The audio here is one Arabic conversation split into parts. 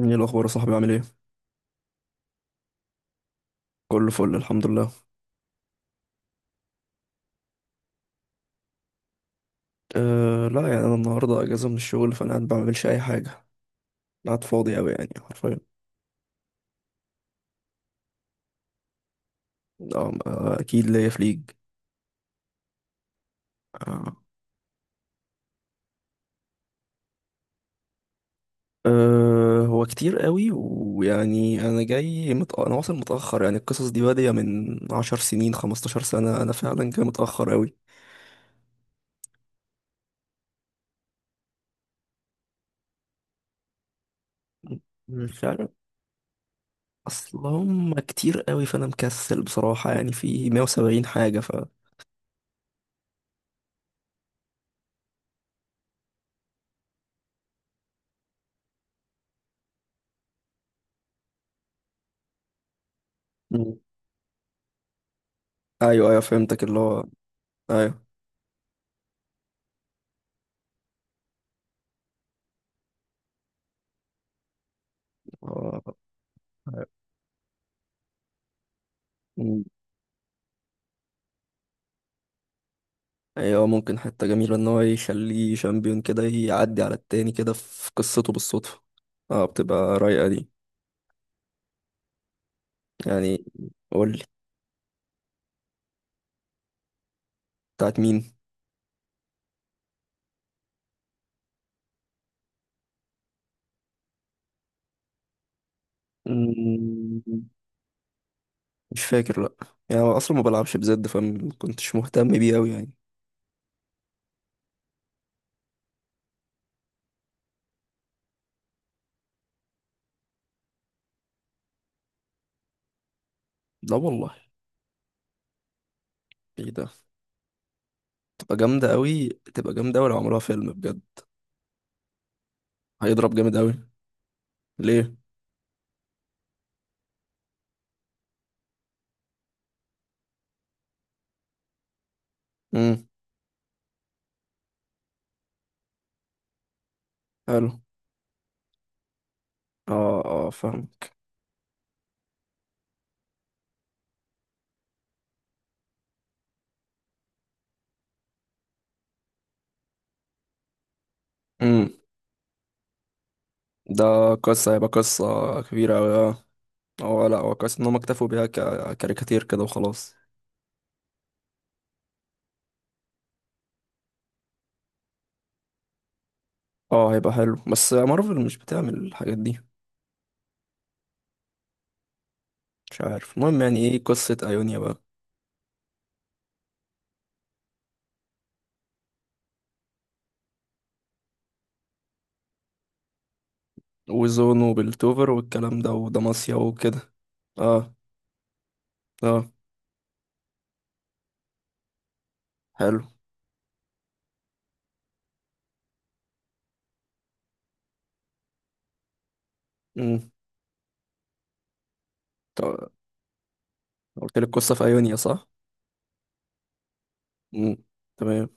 ايه الاخبار يا صاحبي عامل ايه؟ كله فل الحمد لله. أه لا يعني انا النهارده اجازه من الشغل فانا قاعد بعملش اي حاجه. قاعد فاضي قوي يعني حرفيا. اكيد ليا في ليج. آه. أه هو كتير قوي ويعني انا انا واصل متاخر يعني القصص دي باديه من 10 سنين 15 سنه، انا فعلا جاي متاخر قوي. مش عارف، اصل هم كتير قوي فانا مكسل بصراحه، يعني في 170 حاجه ف مم. ايوه ايوه فهمتك اللي هو. ايوه. آه. ايوه ممكن حتة جميلة ان هو يخليه شامبيون كده يعدي على التاني كده في قصته بالصدفة. اه بتبقى رايقة دي. يعني قولي بتاعت مين. مم، مش فاكر لأ. يعني أنا أصلا ما بلعبش بزد فمكنتش مهتم بيه أوي يعني. لا والله. ايه ده؟ تبقى جامدة أوي، تبقى جامدة أوي لو عملوها فيلم بجد. هيضرب جامد أوي. ليه؟ امم. حلو. اه اه فاهمك. امم. ده قصة، هيبقى قصة كبيرة أوي آه. اه لا هو كويس ان هم اكتفوا بيها ككاريكاتير كده وخلاص. اه هيبقى حلو بس مارفل مش بتعمل الحاجات دي. مش عارف المهم، يعني ايه قصة ايونيا بقى؟ وزون وبلتوفر والكلام ده ودماسيا وكده. اه. اه. حلو. امم. قلت لك قصة في ايونيا صح؟ امم. تمام.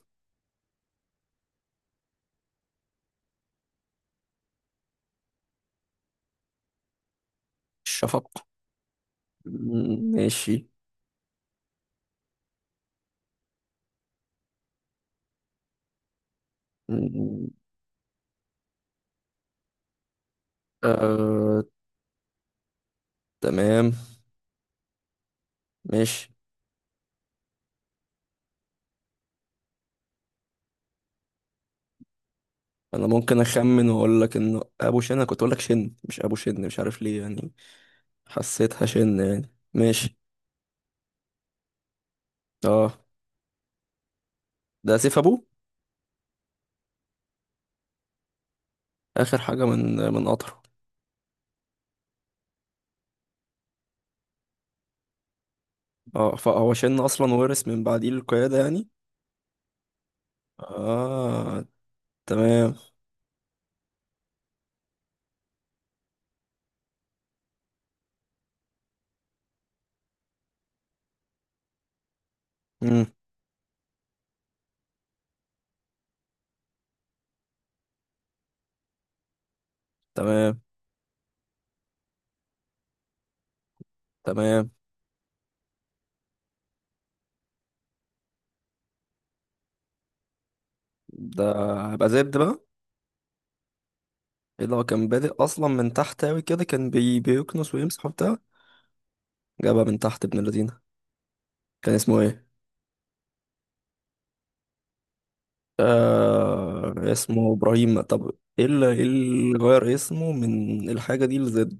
الشفق. مم، ماشي. مم، آه. تمام. ماشي. انا ممكن اخمن واقول لك انه ابو شن. انا كنت اقول لك شن مش ابو شن، مش عارف ليه يعني. حسيتها شن يعني. ماشي. اه. ده سيف ابوه. اخر حاجه من قطره. اه فهو شن اصلا ورث من بعديه القياده يعني. اه. تمام. امم. تمام. تمام. ده هبقى زبد بقى. ايه ده، هو كان بادئ اصلا من تحت اوي كده، كان بيكنس ويمسح وبتاع. جابها من تحت ابن الذين. كان اسمه ايه؟ آه اسمه ابراهيم. طب ايه اللي، إيه اللي غير اسمه من الحاجه دي لزد؟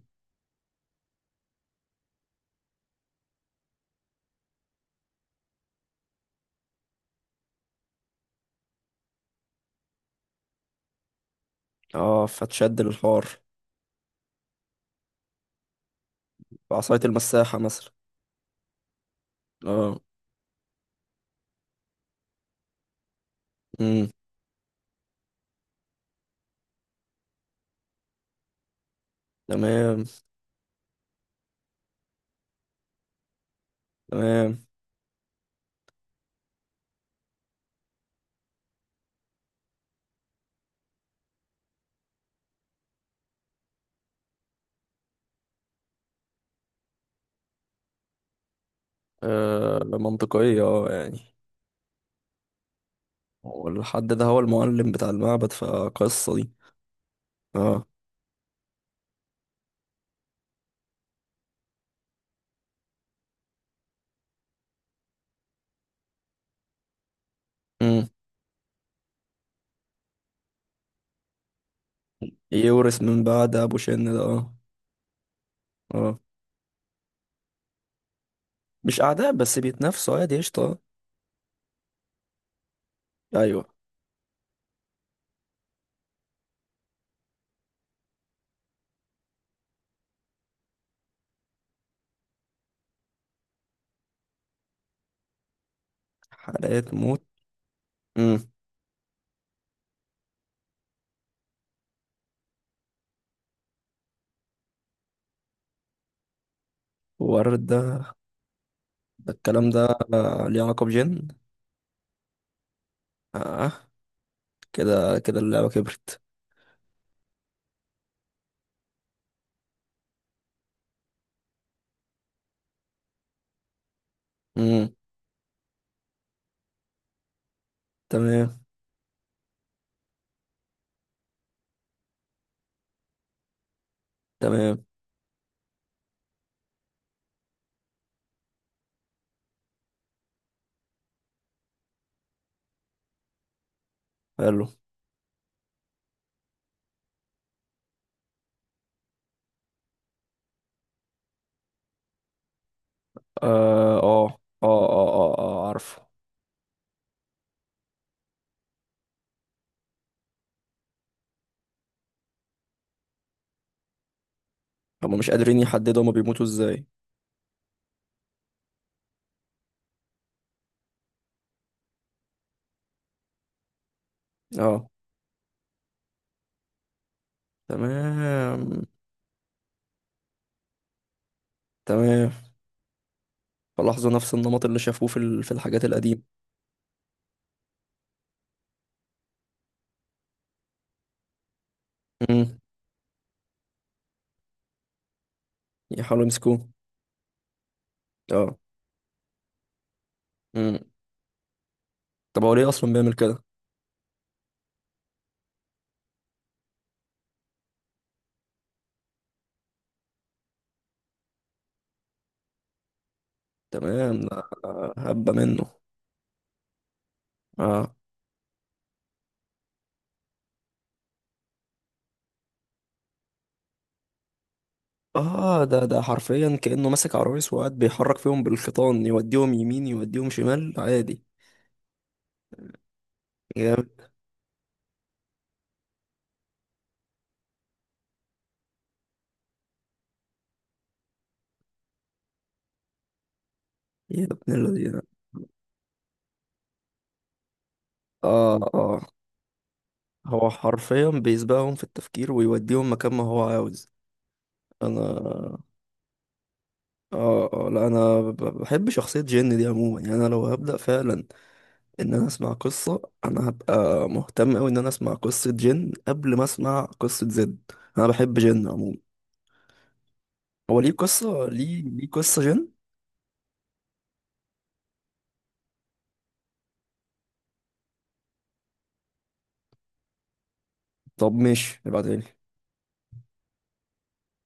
اه فتشد الحوار. بعصايه المساحه مثلا. اه. امم. تمام. تمام. آه منطقية اه يعني. والحد ده هو المعلم بتاع المعبد فقصة دي. اه. امم. يورث من بعد ابو شن ده اه. اه مش اعداء بس بيتنافسوا عادي، قشطة. ايوه. حلقات موت. امم. وردة. ده الكلام ده، ليه علاقة بجن. اه. كده كده اللعبة كبرت. امم. تمام. تمام. حلو. اه اه اه اه عارفه. هما مش قادرين يحددوا هما بيموتوا ازاي. اه. تمام. تمام. فلاحظوا نفس النمط اللي شافوه في في الحاجات القديمة. امم. يحاولوا يمسكوه. اه. امم. طب هو ليه اصلا بيعمل كده؟ تمام. ده هبة منه. اه. اه ده حرفيا كأنه ماسك عرايس وقاعد بيحرك فيهم بالخيطان، يوديهم يمين يوديهم شمال عادي. جامد. يا ابن الذين. اه اه. هو حرفيا بيسبقهم في التفكير ويوديهم مكان ما هو عاوز. انا اه اه لا، انا بحب شخصية جين دي عموما، يعني انا لو هبدأ فعلا ان انا اسمع قصة، انا هبقى مهتم اوي ان انا اسمع قصة جين قبل ما اسمع قصة زد. انا بحب جين عموما. هو ليه قصة، ليه ليه قصة جين؟ طب ماشي، ابعتها لي.